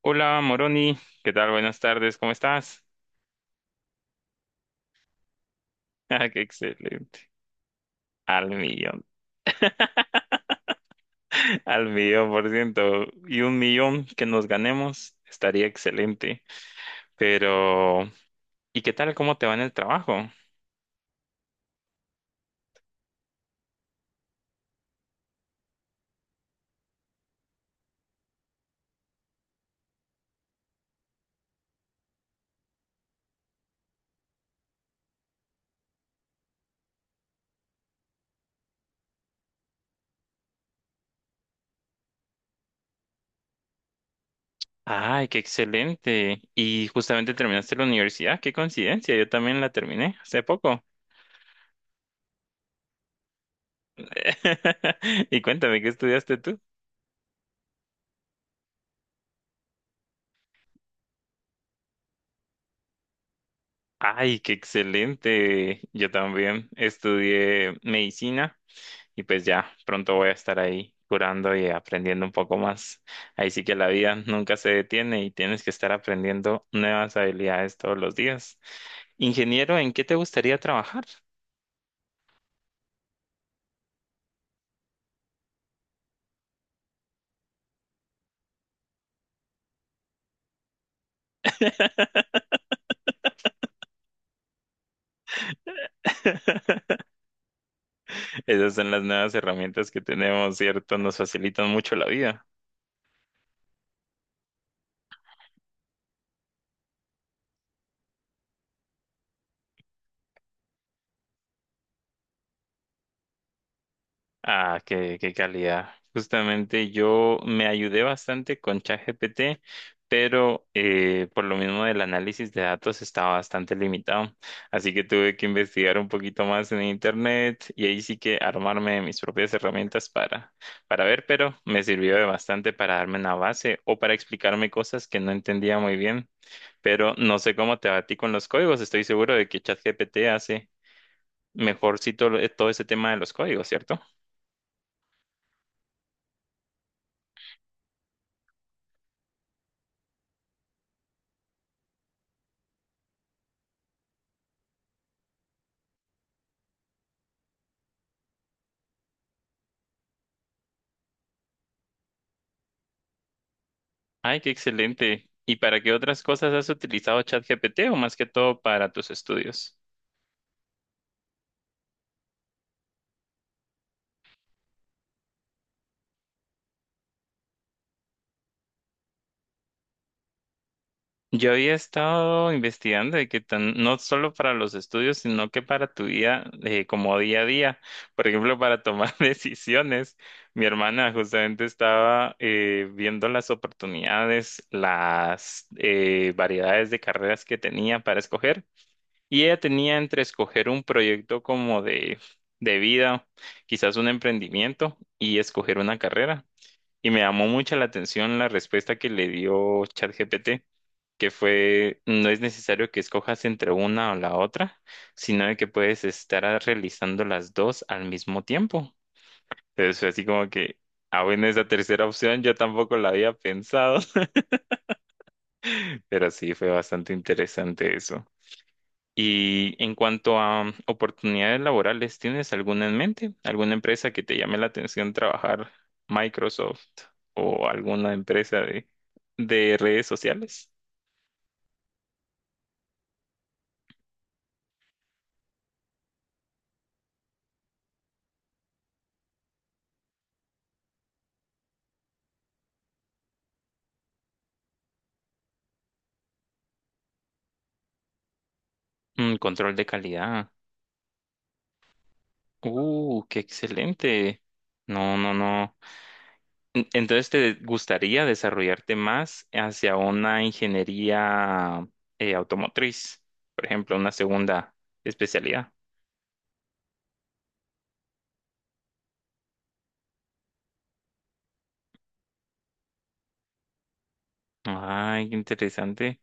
Hola Moroni, ¿qué tal? Buenas tardes, ¿cómo estás? Ah, qué excelente. Al millón, al millón por ciento. Y un millón que nos ganemos estaría excelente. Pero, ¿y qué tal? ¿Cómo te va en el trabajo? Ay, qué excelente. Y justamente terminaste la universidad, qué coincidencia, yo también la terminé hace poco. Y cuéntame, ¿qué estudiaste tú? Ay, qué excelente. Yo también estudié medicina. Y pues ya, pronto voy a estar ahí curando y aprendiendo un poco más. Ahí sí que la vida nunca se detiene y tienes que estar aprendiendo nuevas habilidades todos los días. Ingeniero, ¿en qué te gustaría trabajar? Esas son las nuevas herramientas que tenemos, ¿cierto? Nos facilitan mucho la vida. Ah, qué calidad. Justamente yo me ayudé bastante con ChatGPT, pero por lo mismo del análisis de datos estaba bastante limitado. Así que tuve que investigar un poquito más en internet y ahí sí que armarme de mis propias herramientas para ver, pero me sirvió de bastante para darme una base o para explicarme cosas que no entendía muy bien. Pero no sé cómo te va a ti con los códigos. Estoy seguro de que ChatGPT hace mejorcito todo ese tema de los códigos, ¿cierto? Ay, qué excelente. ¿Y para qué otras cosas has utilizado ChatGPT o más que todo para tus estudios? Yo había estado investigando de que tan- no solo para los estudios, sino que para tu vida como día a día. Por ejemplo, para tomar decisiones. Mi hermana justamente estaba viendo las oportunidades, las variedades de carreras que tenía para escoger. Y ella tenía entre escoger un proyecto como de vida, quizás un emprendimiento, y escoger una carrera. Y me llamó mucho la atención la respuesta que le dio ChatGPT, que fue, no es necesario que escojas entre una o la otra, sino de que puedes estar a- realizando las dos al mismo tiempo. Entonces fue así como que, ah, bueno, esa tercera opción yo tampoco la había pensado, pero sí fue bastante interesante eso. Y en cuanto a oportunidades laborales, ¿tienes alguna en mente? ¿Alguna empresa que te llame la atención trabajar Microsoft o alguna empresa de redes sociales? Mm, control de calidad. Qué excelente. No, no, no. Entonces, ¿te gustaría desarrollarte más hacia una ingeniería automotriz? Por ejemplo, una segunda especialidad. Ay, qué interesante.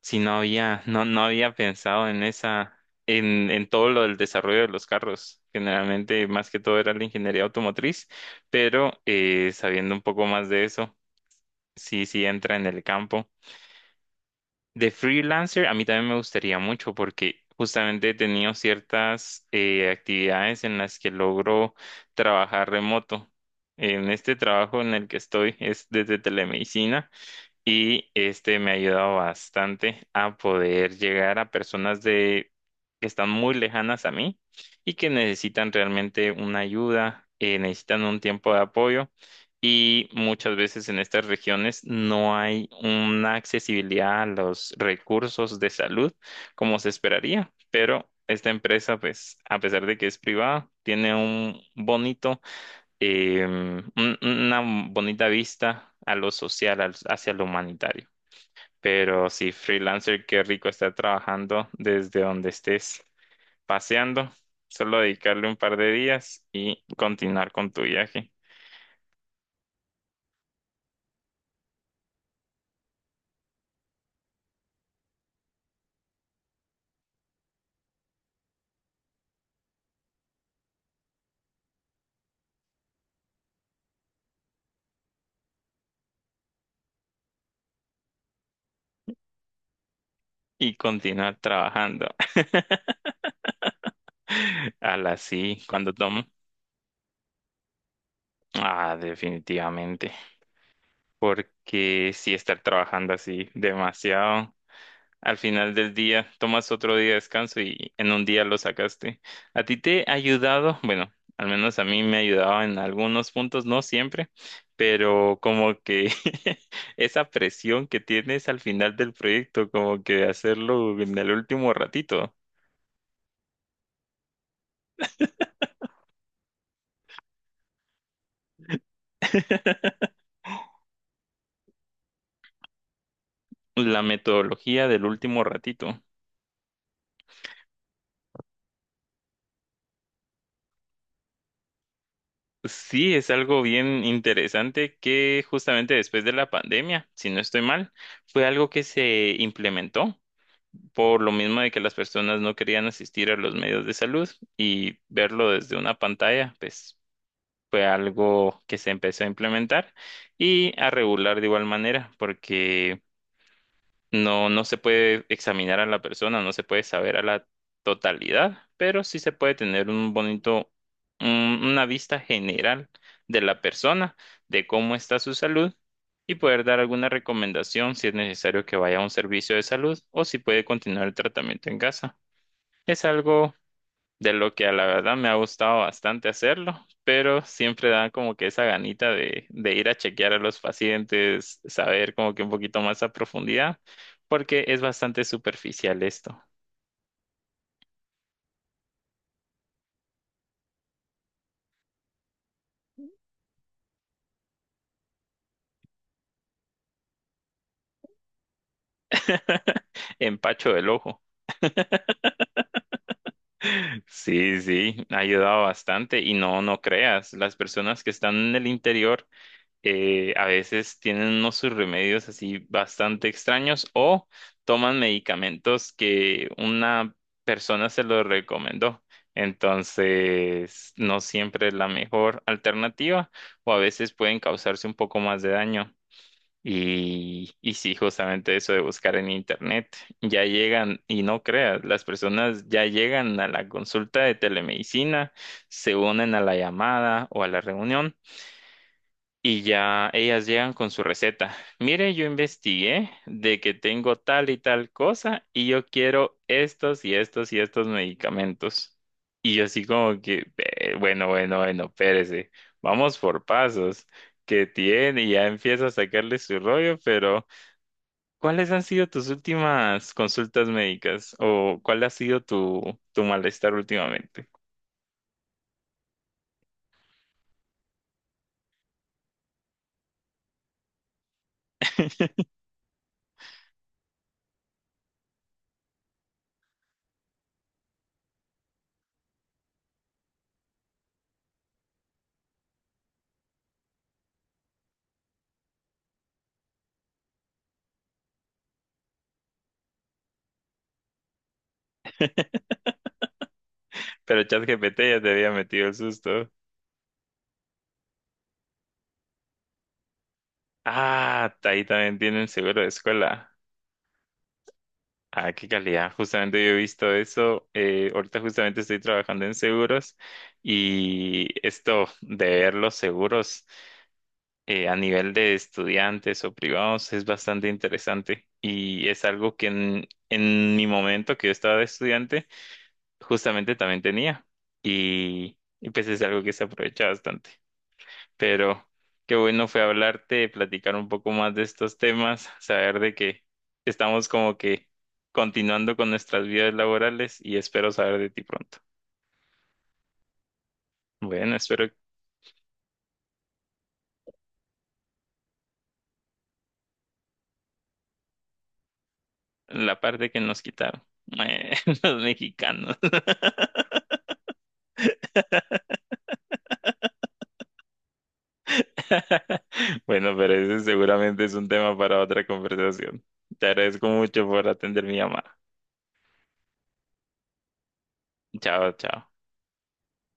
Si no había, no, no había pensado en en todo lo del desarrollo de los carros. Generalmente, más que todo era la ingeniería automotriz, pero sabiendo un poco más de eso, sí entra en el campo. De freelancer, a mí también me gustaría mucho porque justamente he tenido ciertas actividades en las que logro trabajar remoto. En este trabajo en el que estoy es desde telemedicina. Y este me ha ayudado bastante a poder llegar a personas de que están muy lejanas a mí y que necesitan realmente una ayuda, necesitan un tiempo de apoyo. Y muchas veces en estas regiones no hay una accesibilidad a los recursos de salud como se esperaría. Pero esta empresa, pues, a pesar de que es privada, tiene un bonito una bonita vista a lo social, hacia lo humanitario. Pero sí, freelancer, qué rico estar trabajando desde donde estés paseando. Solo dedicarle un par de días y continuar con tu viaje y continuar trabajando. A la sí, cuando tomo. Ah, definitivamente. Porque sí, estar trabajando así demasiado. Al final del día tomas otro día de descanso y en un día lo sacaste. ¿A ti te ha ayudado? Bueno, al menos a mí me ha ayudado en algunos puntos, no siempre, pero como que esa presión que tienes al final del proyecto, como que hacerlo en el último ratito. La metodología del último ratito. Sí, es algo bien interesante que justamente después de la pandemia, si no estoy mal, fue algo que se implementó. Por lo mismo de que las personas no querían asistir a los medios de salud y verlo desde una pantalla, pues fue algo que se empezó a implementar y a regular de igual manera, porque no, no se puede examinar a la persona, no se puede saber a la totalidad, pero sí se puede tener un bonito, un- una vista general de la persona, de cómo está su salud y poder dar alguna recomendación si es necesario que vaya a un servicio de salud o si puede continuar el tratamiento en casa. Es algo de lo que a la verdad me ha gustado bastante hacerlo, pero siempre da como que esa ganita de ir a chequear a los pacientes, saber como que un poquito más a profundidad, porque es bastante superficial esto. Empacho del ojo. Sí, sí, ha ayudado bastante y no, no creas, las personas que están en el interior a veces tienen unos sus remedios así bastante extraños o toman medicamentos que una persona se los recomendó. Entonces, no siempre es la mejor alternativa o a veces pueden causarse un poco más de daño. Y sí, justamente eso de buscar en internet, ya llegan, y no creas, las personas ya llegan a la consulta de telemedicina, se unen a la llamada o a la reunión y ya ellas llegan con su receta. Mire, yo investigué de que tengo tal y tal cosa y yo quiero estos y estos y estos medicamentos. Y yo así como que, bueno, bueno, bueno, espérese, vamos por pasos. Que tiene? Y ya empieza a sacarle su rollo, pero ¿cuáles han sido tus últimas consultas médicas? ¿O cuál ha sido tu malestar últimamente? Pero ChatGPT ya te había metido el susto. Ah, ahí también tienen seguro de escuela. Ah, qué calidad. Justamente yo he visto eso. Eh, ahorita justamente estoy trabajando en seguros y esto de ver los seguros a nivel de estudiantes o privados es bastante interesante y es algo que en mi momento que yo estaba de estudiante justamente también tenía y pues es algo que se aprovecha bastante, pero qué bueno fue hablarte, platicar un poco más de estos temas, saber de que estamos como que continuando con nuestras vidas laborales y espero saber de ti pronto. Bueno, espero la parte que nos quitaron, eh, los mexicanos. Bueno, pero ese seguramente es un tema para otra conversación. Te agradezco mucho por atender mi llamada. Chao, chao.